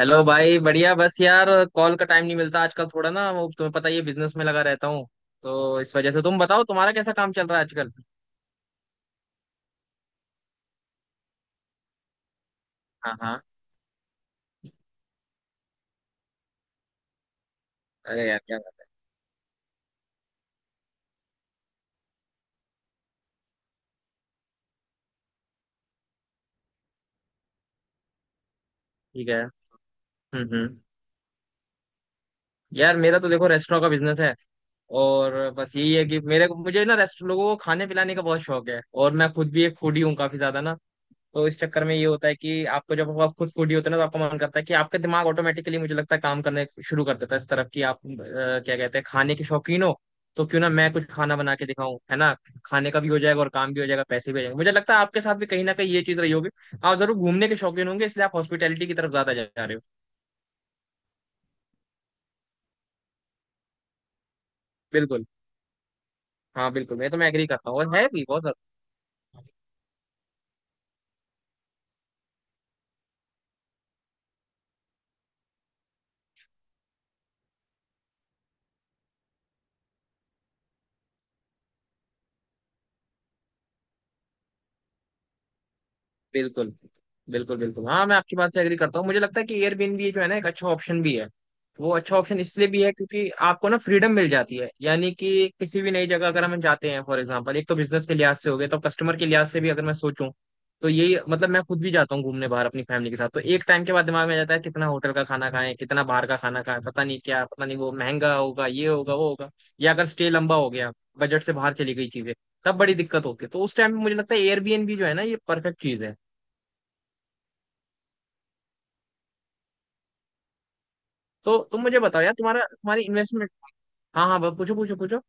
Hello भाई, बढ़िया। बस यार, कॉल का टाइम नहीं मिलता आजकल थोड़ा ना, वो तुम्हें पता ही है, बिजनेस में लगा रहता हूँ। तो इस वजह से तुम बताओ, तुम्हारा कैसा काम चल रहा है आजकल। हाँ हाँ। अरे यार, क्या बात है। ठीक है। हम्म, हम्म। यार मेरा तो देखो रेस्टोरेंट का बिजनेस है। और बस यही है कि मेरे को मुझे ना रेस्ट लोगों को खाने पिलाने का बहुत शौक है और मैं खुद भी एक फूडी हूँ काफी ज्यादा ना। तो इस चक्कर में ये होता है कि आपको, जब आप खुद फूडी होते हैं ना, तो आपका मन करता है कि आपका दिमाग ऑटोमेटिकली, मुझे लगता है, काम करने शुरू कर देता है इस तरफ कि आप क्या कहते हैं, खाने के शौकीन हो। तो क्यों ना मैं कुछ खाना बना के दिखाऊं, है ना। खाने का भी हो जाएगा और काम भी हो जाएगा, पैसे भी हो जाएंगे। मुझे लगता है आपके साथ भी कहीं ना कहीं ये चीज रही होगी। आप जरूर घूमने के शौकीन होंगे, इसलिए आप हॉस्पिटैलिटी की तरफ ज्यादा जा रहे हो। बिल्कुल। हाँ बिल्कुल, मैं एग्री करता हूँ, और है भी बहुत ज्यादा। बिल्कुल बिल्कुल बिल्कुल। हाँ मैं आपकी बात से एग्री करता हूँ। मुझे लगता है कि एयरबीएनबी जो है ना एक अच्छा ऑप्शन भी है। वो अच्छा ऑप्शन इसलिए भी है क्योंकि आपको ना फ्रीडम मिल जाती है, यानी कि किसी भी नई जगह अगर हम जाते हैं, फॉर एग्जांपल, एक तो बिजनेस के लिहाज से हो गया, तो कस्टमर के लिहाज से भी अगर मैं सोचूं, तो यही, मतलब मैं खुद भी जाता हूँ घूमने बाहर अपनी फैमिली के साथ, तो एक टाइम के बाद दिमाग में आ जाता है कितना होटल का खाना खाएं, कितना बाहर का खाना खाएं, पता नहीं क्या, पता नहीं वो महंगा होगा, ये होगा, वो होगा, या अगर स्टे लंबा हो गया, बजट से बाहर चली गई चीजें, तब बड़ी दिक्कत होती है। तो उस टाइम मुझे लगता है एयरबीएनबी जो है ना ये परफेक्ट चीज है। तो तुम मुझे बताओ यार, तुम्हारा तुम्हारी इन्वेस्टमेंट। हाँ हाँ। पूछो पूछो पूछो।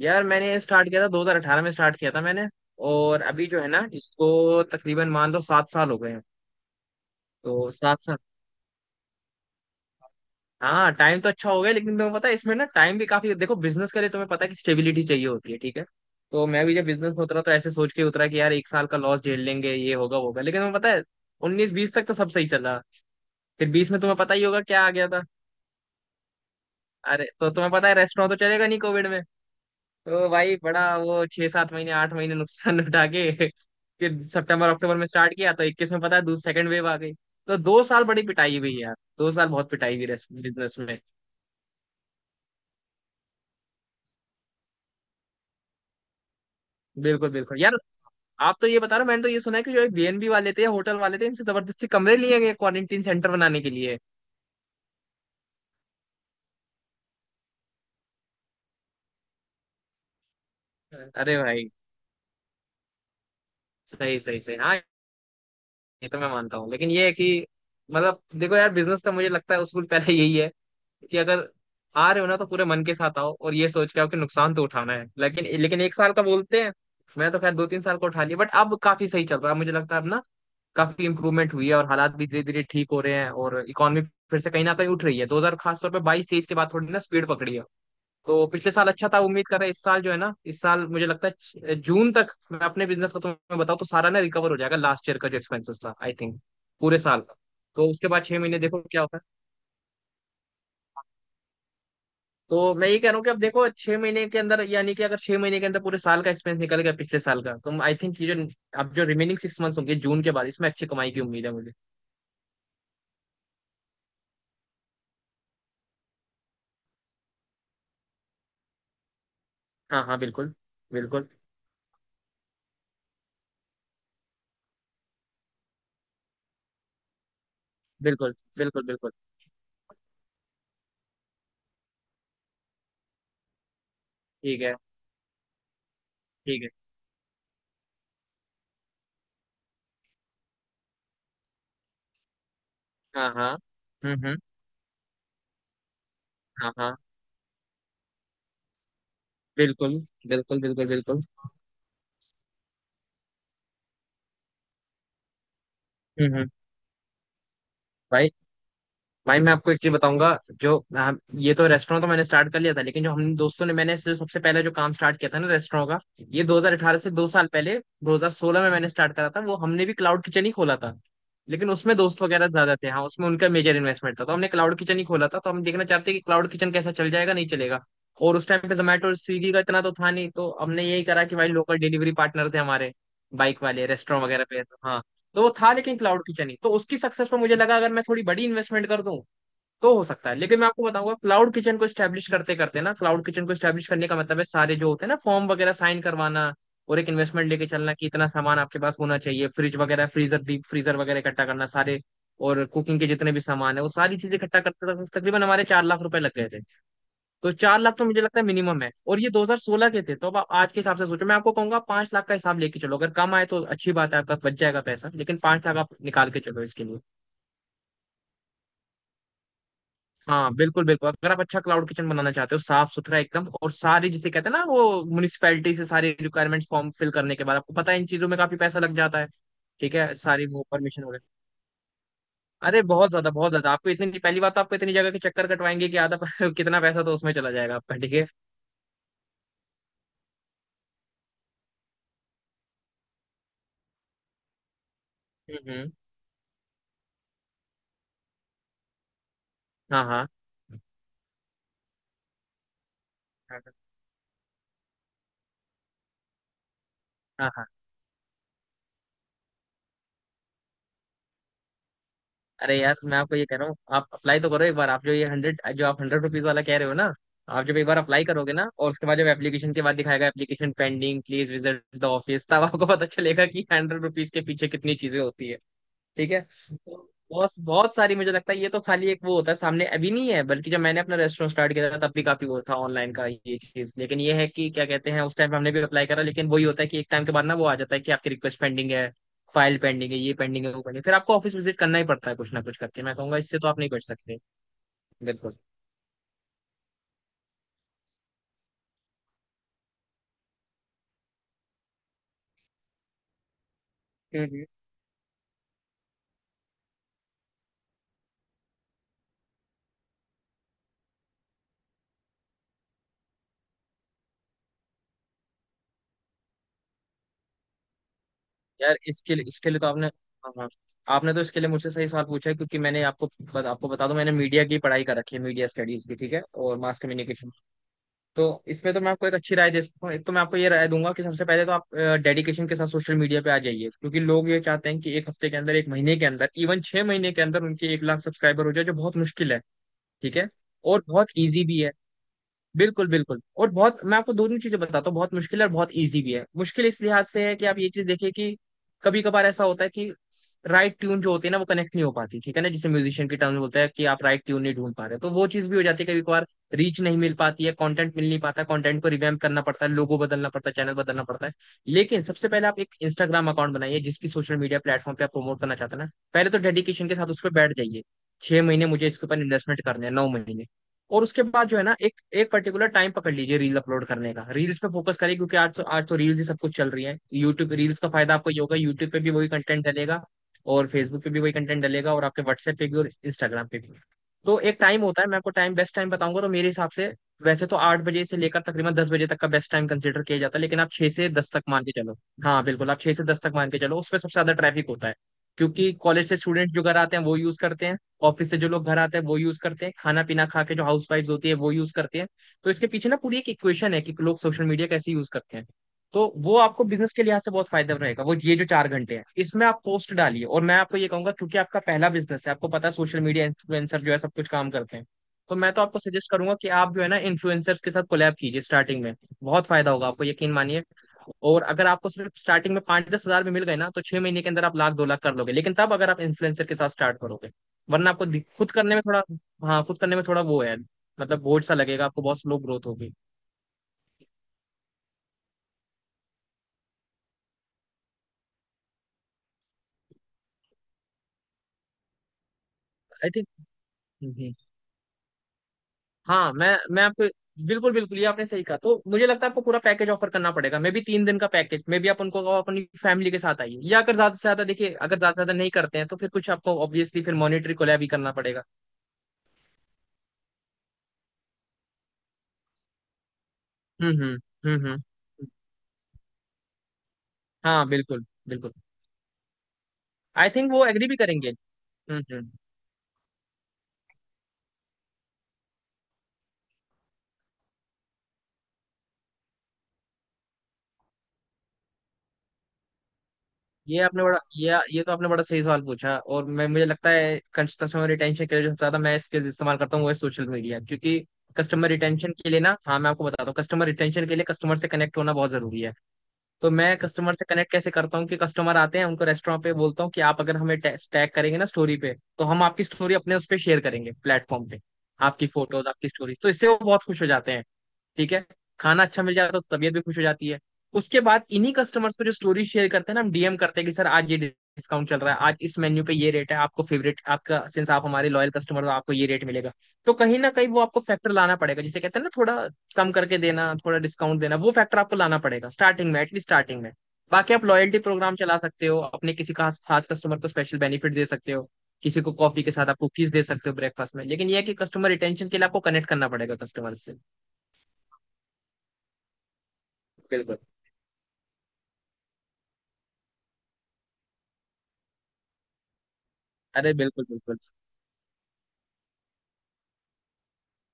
यार मैंने स्टार्ट किया था, 2018 में स्टार्ट किया था मैंने। और अभी जो है ना, इसको तकरीबन मान लो 7 साल हो गए हैं। तो 7 साल। हाँ टाइम तो अच्छा हो गया, लेकिन तुम्हें पता है इसमें ना टाइम भी काफी, देखो बिजनेस के लिए तुम्हें पता है कि स्टेबिलिटी चाहिए होती है, ठीक है। तो मैं भी जब बिजनेस में उतरा तो ऐसे सोच के उतरा कि यार 1 साल का लॉस झेल लेंगे, ये होगा वो होगा, लेकिन तुम्हें पता है उन्नीस बीस तक तो सब सही चला। फिर बीस में तुम्हें पता ही होगा क्या आ गया था। अरे तो तुम्हें पता है रेस्टोरेंट तो चलेगा नहीं कोविड में। तो भाई, बड़ा वो, छह सात महीने आठ महीने नुकसान उठा के फिर सितंबर अक्टूबर में स्टार्ट किया तो इक्कीस में पता है दूसरी सेकंड वेव आ गई। तो 2 साल बड़ी पिटाई हुई यार, 2 साल बहुत पिटाई हुई बिजनेस में। बिल्कुल बिल्कुल यार। आप तो ये बता रहे हो, मैंने तो ये सुना है कि जो बीएनबी वाले थे, होटल वाले थे, इनसे जबरदस्ती कमरे लिए गए क्वारंटीन सेंटर बनाने के लिए। अरे भाई, सही सही सही, हाँ। ये तो मैं मानता हूँ, लेकिन ये है कि, मतलब देखो यार, बिजनेस का मुझे लगता है उसूल पहले यही है कि अगर आ रहे हो ना तो पूरे मन के साथ आओ, और ये सोच के आओ कि नुकसान तो उठाना है, लेकिन लेकिन 1 साल का बोलते हैं। मैं तो खैर 2-3 साल का उठा लिया, बट अब काफी सही चल रहा है, मुझे लगता है अब ना काफी इंप्रूवमेंट हुई है, और हालात भी धीरे धीरे ठीक हो रहे हैं, और इकोनॉमी फिर से कहीं ना कहीं उठ रही है, दो हजार खासतौर पर बाईस तेईस के बाद थोड़ी ना स्पीड पकड़ी है। तो पिछले साल अच्छा था, उम्मीद कर रहे हैं इस साल जो है ना, इस साल मुझे लगता है जून तक मैं अपने बिजनेस को तुम्हें बताऊँ तो सारा ना रिकवर हो जाएगा, लास्ट ईयर का जो एक्सपेंसेस था, आई थिंक पूरे साल का। तो उसके बाद 6 महीने देखो क्या होता है। तो मैं ये कह रहा हूँ कि अब देखो 6 महीने के अंदर, यानी कि अगर 6 महीने के अंदर पूरे साल का एक्सपेंस निकल गया पिछले साल का, तो आई थिंक ये जो अब जो रिमेनिंग सिक्स मंथ्स होंगे जून के बाद इसमें अच्छी कमाई की उम्मीद है मुझे। हाँ हाँ। बिल्कुल बिल्कुल बिल्कुल बिल्कुल बिल्कुल। ठीक है। ठीक है। हाँ हाँ। हम्म, हम्म। हाँ हाँ। बिल्कुल बिल्कुल बिल्कुल बिल्कुल। हम्म, हम्म। भाई, भाई मैं आपको एक चीज बताऊंगा। जो हाँ, ये तो रेस्टोरेंट तो मैंने स्टार्ट कर लिया था, लेकिन जो हम दोस्तों ने, मैंने जो सबसे पहले जो काम स्टार्ट किया था ना रेस्टोरेंट का, ये 2018 से 2 साल पहले 2016 में मैंने स्टार्ट करा था, वो हमने भी क्लाउड किचन ही खोला था। लेकिन उसमें दोस्त वगैरह ज्यादा थे, हाँ उसमें उनका मेजर इन्वेस्टमेंट था, तो हमने क्लाउड किचन ही खोला था। तो हम देखना चाहते हैं कि क्लाउड किचन कैसा चल जाएगा, नहीं चलेगा। और उस टाइम पे जोमेटो और स्विगी का इतना तो था नहीं, तो हमने यही करा कि भाई लोकल डिलीवरी पार्टनर थे हमारे, बाइक वाले रेस्टोरेंट वगैरह पे, तो हाँ, तो वो था। लेकिन क्लाउड किचन ही, तो उसकी सक्सेस पर मुझे लगा अगर मैं थोड़ी बड़ी इन्वेस्टमेंट कर दूं तो हो सकता है। लेकिन मैं आपको बताऊंगा, क्लाउड किचन को स्टैब्लिश करते करते ना, क्लाउड किचन को स्टैब्लिश करने का मतलब है सारे जो होते हैं ना फॉर्म वगैरह साइन करवाना, और एक इन्वेस्टमेंट लेके चलना कि इतना सामान आपके पास होना चाहिए, फ्रिज वगैरह फ्रीजर डीप फ्रीजर वगैरह इकट्ठा करना सारे। और कुकिंग के जितने भी सामान है वो सारी चीजें इकट्ठा करते तक तकरीबन हमारे 4 लाख रुपए लग गए थे। तो 4 लाख तो मुझे लगता है मिनिमम है, और ये 2016 के थे। तो अब आप आज के हिसाब से सोचो, मैं आपको कहूंगा 5 लाख का हिसाब लेके चलो, अगर कम आए तो अच्छी बात है, आपका बच जाएगा पैसा, लेकिन 5 लाख आप निकाल के चलो इसके लिए। हाँ बिल्कुल बिल्कुल, अगर आप अच्छा क्लाउड किचन बनाना चाहते हो साफ सुथरा एकदम, और सारे जिसे कहते हैं ना वो म्यूनिसिपैलिटी से सारे रिक्वायरमेंट्स फॉर्म फिल करने के बाद आपको पता है इन चीजों में काफी पैसा लग जाता है। ठीक है, सारी वो परमिशन वगैरह। अरे बहुत ज्यादा, बहुत ज्यादा। आपको इतनी, पहली बात तो आपको इतनी जगह के चक्कर कटवाएंगे कि आधा कितना पैसा तो उसमें चला जाएगा आपका, ठीक है। हम्म, हम्म। हाँ हाँ हाँ हाँ। अरे यार मैं आपको ये कह रहा हूँ, आप अप्लाई तो करो एक बार। आप जो ये हंड्रेड, जो आप हंड्रेड रुपीज वाला कह रहे हो ना, आप जब एक बार अप्लाई करोगे ना, और उसके बाद जब एप्लीकेशन के बाद दिखाएगा application pending please visit the office, तब आपको पता चलेगा कि हंड्रेड रुपीज के पीछे कितनी चीजें होती है। ठीक है। तो बहुत बहुत सारी, मुझे लगता है ये तो खाली एक वो होता है सामने अभी नहीं है, बल्कि जब मैंने अपना रेस्टोरेंट स्टार्ट किया था तब भी काफी वो था ऑनलाइन का ये चीज, लेकिन ये है कि क्या कहते हैं उस टाइम पे हमने भी अप्लाई करा, लेकिन वही होता है कि एक टाइम के बाद ना वो आ जाता है कि आपकी रिक्वेस्ट पेंडिंग है, फाइल पेंडिंग है, ये पेंडिंग है, वो पेंडिंग, फिर आपको ऑफिस विजिट करना ही पड़ता है, कुछ ना कुछ करके। मैं कहूंगा इससे तो आप नहीं बच सकते। बिल्कुल। हम्म, यार इसके लिए तो आपने, हाँ हाँ, आपने तो इसके लिए मुझसे सही सवाल पूछा है क्योंकि मैंने आपको आपको बता दूं, मैंने मीडिया की पढ़ाई कर रखी है, मीडिया स्टडीज की, ठीक है, और मास कम्युनिकेशन। तो इसमें तो मैं आपको एक अच्छी राय दे सकता हूँ। एक तो मैं आपको ये राय दूंगा कि सबसे पहले तो आप डेडिकेशन के साथ सोशल मीडिया पे आ जाइए, क्योंकि लोग ये चाहते हैं कि एक हफ्ते के अंदर, 1 महीने के अंदर, इवन 6 महीने के अंदर उनके 1 लाख सब्सक्राइबर हो जाए, जो बहुत मुश्किल है। ठीक है, और बहुत ईजी भी है। बिल्कुल बिल्कुल, और बहुत, मैं आपको दोनों चीजें बताता हूँ, बहुत मुश्किल है और बहुत इजी भी है। मुश्किल इस लिहाज से है कि आप ये चीज देखिए कि कभी कभार ऐसा होता है कि राइट ट्यून जो होती है ना वो कनेक्ट नहीं हो पाती, ठीक है ना, जिसे म्यूजिशियन की टर्म में बोलते हैं कि आप राइट ट्यून नहीं ढूंढ पा रहे, तो वो चीज भी हो जाती है कभी कभार। रीच नहीं मिल पाती है, कंटेंट मिल नहीं पाता, कंटेंट को रिवैम्प करना पड़ता है, लोगो बदलना पड़ता है, चैनल बदलना पड़ता है। लेकिन सबसे पहले आप एक इंस्टाग्राम अकाउंट बनाइए, जिस भी सोशल मीडिया प्लेटफॉर्म पे आप प्रमोट करना चाहते हैं ना, पहले तो डेडिकेशन के साथ उस पर बैठ जाइए। 6 महीने मुझे इसके ऊपर इन्वेस्टमेंट करने हैं, 9 महीने। और उसके बाद जो है ना, एक एक पर्टिकुलर टाइम पकड़ लीजिए रील अपलोड करने का। रील्स पे फोकस करिए, क्योंकि आज तो रील्स ही सब कुछ चल रही है। यूट्यूब रील्स का फायदा आपको ये होगा, यूट्यूब पे भी वही कंटेंट डलेगा और फेसबुक पे भी वही कंटेंट डलेगा और आपके व्हाट्सएप पे भी और इंस्टाग्राम पे भी। तो एक टाइम होता है, मैं आपको टाइम बेस्ट टाइम बताऊंगा। तो मेरे हिसाब से वैसे तो 8 बजे से लेकर तकरीबन 10 बजे तक का बेस्ट टाइम कंसिडर किया जाता है, लेकिन आप 6 से 10 तक मान के चलो। हाँ बिल्कुल, आप 6 से 10 तक मान के चलो, उसमें सबसे ज्यादा ट्रैफिक होता है। क्योंकि कॉलेज से स्टूडेंट जो घर आते हैं वो यूज करते हैं, ऑफिस से जो लोग घर आते हैं वो यूज करते हैं, खाना पीना खा के जो हाउस वाइफ होती है वो यूज करते हैं। तो इसके पीछे ना पूरी एक इक्वेशन है कि लोग सोशल मीडिया कैसे यूज करते हैं। तो वो आपको बिजनेस के लिहाज से बहुत फायदा रहेगा। वो ये जो 4 घंटे हैं, इसमें आप पोस्ट डालिए। और मैं आपको ये कहूंगा, क्योंकि आपका पहला बिजनेस है, आपको पता है सोशल मीडिया इन्फ्लुएंसर जो है सब कुछ काम करते हैं। तो मैं तो आपको सजेस्ट करूंगा कि आप जो है ना इन्फ्लुएंसर्स के साथ कोलैब कीजिए स्टार्टिंग में। बहुत फायदा होगा आपको, यकीन मानिए। और अगर आपको सिर्फ स्टार्टिंग में 5-10 हजार भी मिल गए ना, तो 6 महीने के अंदर आप 1 लाख 2 लाख कर लोगे, लेकिन तब, अगर आप इन्फ्लुएंसर के साथ स्टार्ट करो। वरना आपको खुद करने में थोड़ा, हाँ, खुद करने में थोड़ा वो है, मतलब बोझ सा लगेगा आपको, बहुत स्लो ग्रोथ होगी। I think. हाँ, मैं आपको, बिल्कुल बिल्कुल, ये आपने सही कहा। तो मुझे लगता है आपको पूरा पैकेज ऑफर करना पड़ेगा। मे भी 3 दिन का पैकेज, मे भी आप उनको कहो अपनी फैमिली के साथ आइए। या अगर ज्यादा से ज्यादा देखिए, अगर ज्यादा से ज्यादा नहीं करते हैं तो फिर कुछ आपको ऑब्वियसली फिर मॉनिटरी कोलैब भी करना पड़ेगा। हम्म। हम्म। हाँ, बिल्कुल बिल्कुल। आई थिंक वो एग्री भी करेंगे। हम्म। ये तो आपने बड़ा सही सवाल पूछा। और मैं, मुझे लगता है, कस्टमर रिटेंशन के लिए जो सबसे ज्यादा मैं इसके इस्तेमाल करता हूँ वो है सोशल मीडिया। क्योंकि कस्टमर रिटेंशन के लिए ना, हाँ मैं आपको बताता हूँ, कस्टमर रिटेंशन के लिए कस्टमर से कनेक्ट होना बहुत जरूरी है। तो मैं कस्टमर से कनेक्ट कैसे करता हूँ कि कस्टमर आते हैं उनको रेस्टोरेंट पे बोलता हूँ कि आप अगर हमें टैग करेंगे ना स्टोरी पे, तो हम आपकी स्टोरी अपने उस पे शेयर करेंगे, प्लेटफॉर्म पे। आपकी फोटोज, आपकी स्टोरी, तो इससे वो बहुत खुश हो जाते हैं। ठीक है। खाना अच्छा मिल जाता है तो तबीयत भी खुश हो जाती है। उसके बाद इन्हीं कस्टमर्स को, जो स्टोरी शेयर करते हैं ना, हम डीएम करते हैं कि सर आज ये डिस्काउंट चल रहा है, आज इस मेन्यू पे ये रेट है, आपको फेवरेट आपका, सिंस आप हमारे लॉयल कस्टमर हो आपको ये रेट मिलेगा। तो कहीं ना कहीं वो आपको फैक्टर लाना पड़ेगा, जिसे कहते हैं ना, थोड़ा कम करके देना, थोड़ा डिस्काउंट देना। वो फैक्टर आपको लाना पड़ेगा स्टार्टिंग में, एटलीस्ट स्टार्टिंग में। बाकी आप लॉयल्टी प्रोग्राम चला सकते हो, अपने किसी खास खास कस्टमर को स्पेशल बेनिफिट दे सकते हो, किसी को कॉफी के साथ आप कुकीज दे सकते हो ब्रेकफास्ट में। लेकिन यह है कि कस्टमर रिटेंशन के लिए आपको कनेक्ट करना पड़ेगा कस्टमर से। बिल्कुल। अरे बिल्कुल बिल्कुल,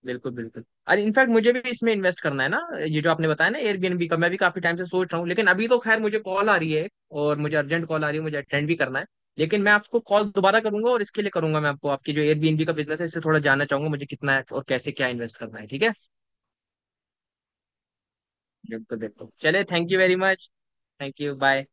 बिल्कुल बिल्कुल। अरे इनफैक्ट मुझे भी इसमें इन्वेस्ट करना है ना। ये जो आपने बताया ना एयरबीएनबी का, मैं भी काफी टाइम से सोच रहा हूँ। लेकिन अभी तो खैर मुझे कॉल आ रही है, और मुझे अर्जेंट कॉल आ रही है, मुझे अटेंड भी करना है। लेकिन मैं आपको कॉल दोबारा करूंगा, और इसके लिए करूंगा। मैं आपको, आपकी जो एयरबीएनबी का बिजनेस है, इससे थोड़ा जानना चाहूंगा, मुझे कितना है और कैसे क्या इन्वेस्ट करना है। ठीक है, बिल्कुल बिल्कुल। चले, thank you very much. Thank you bye.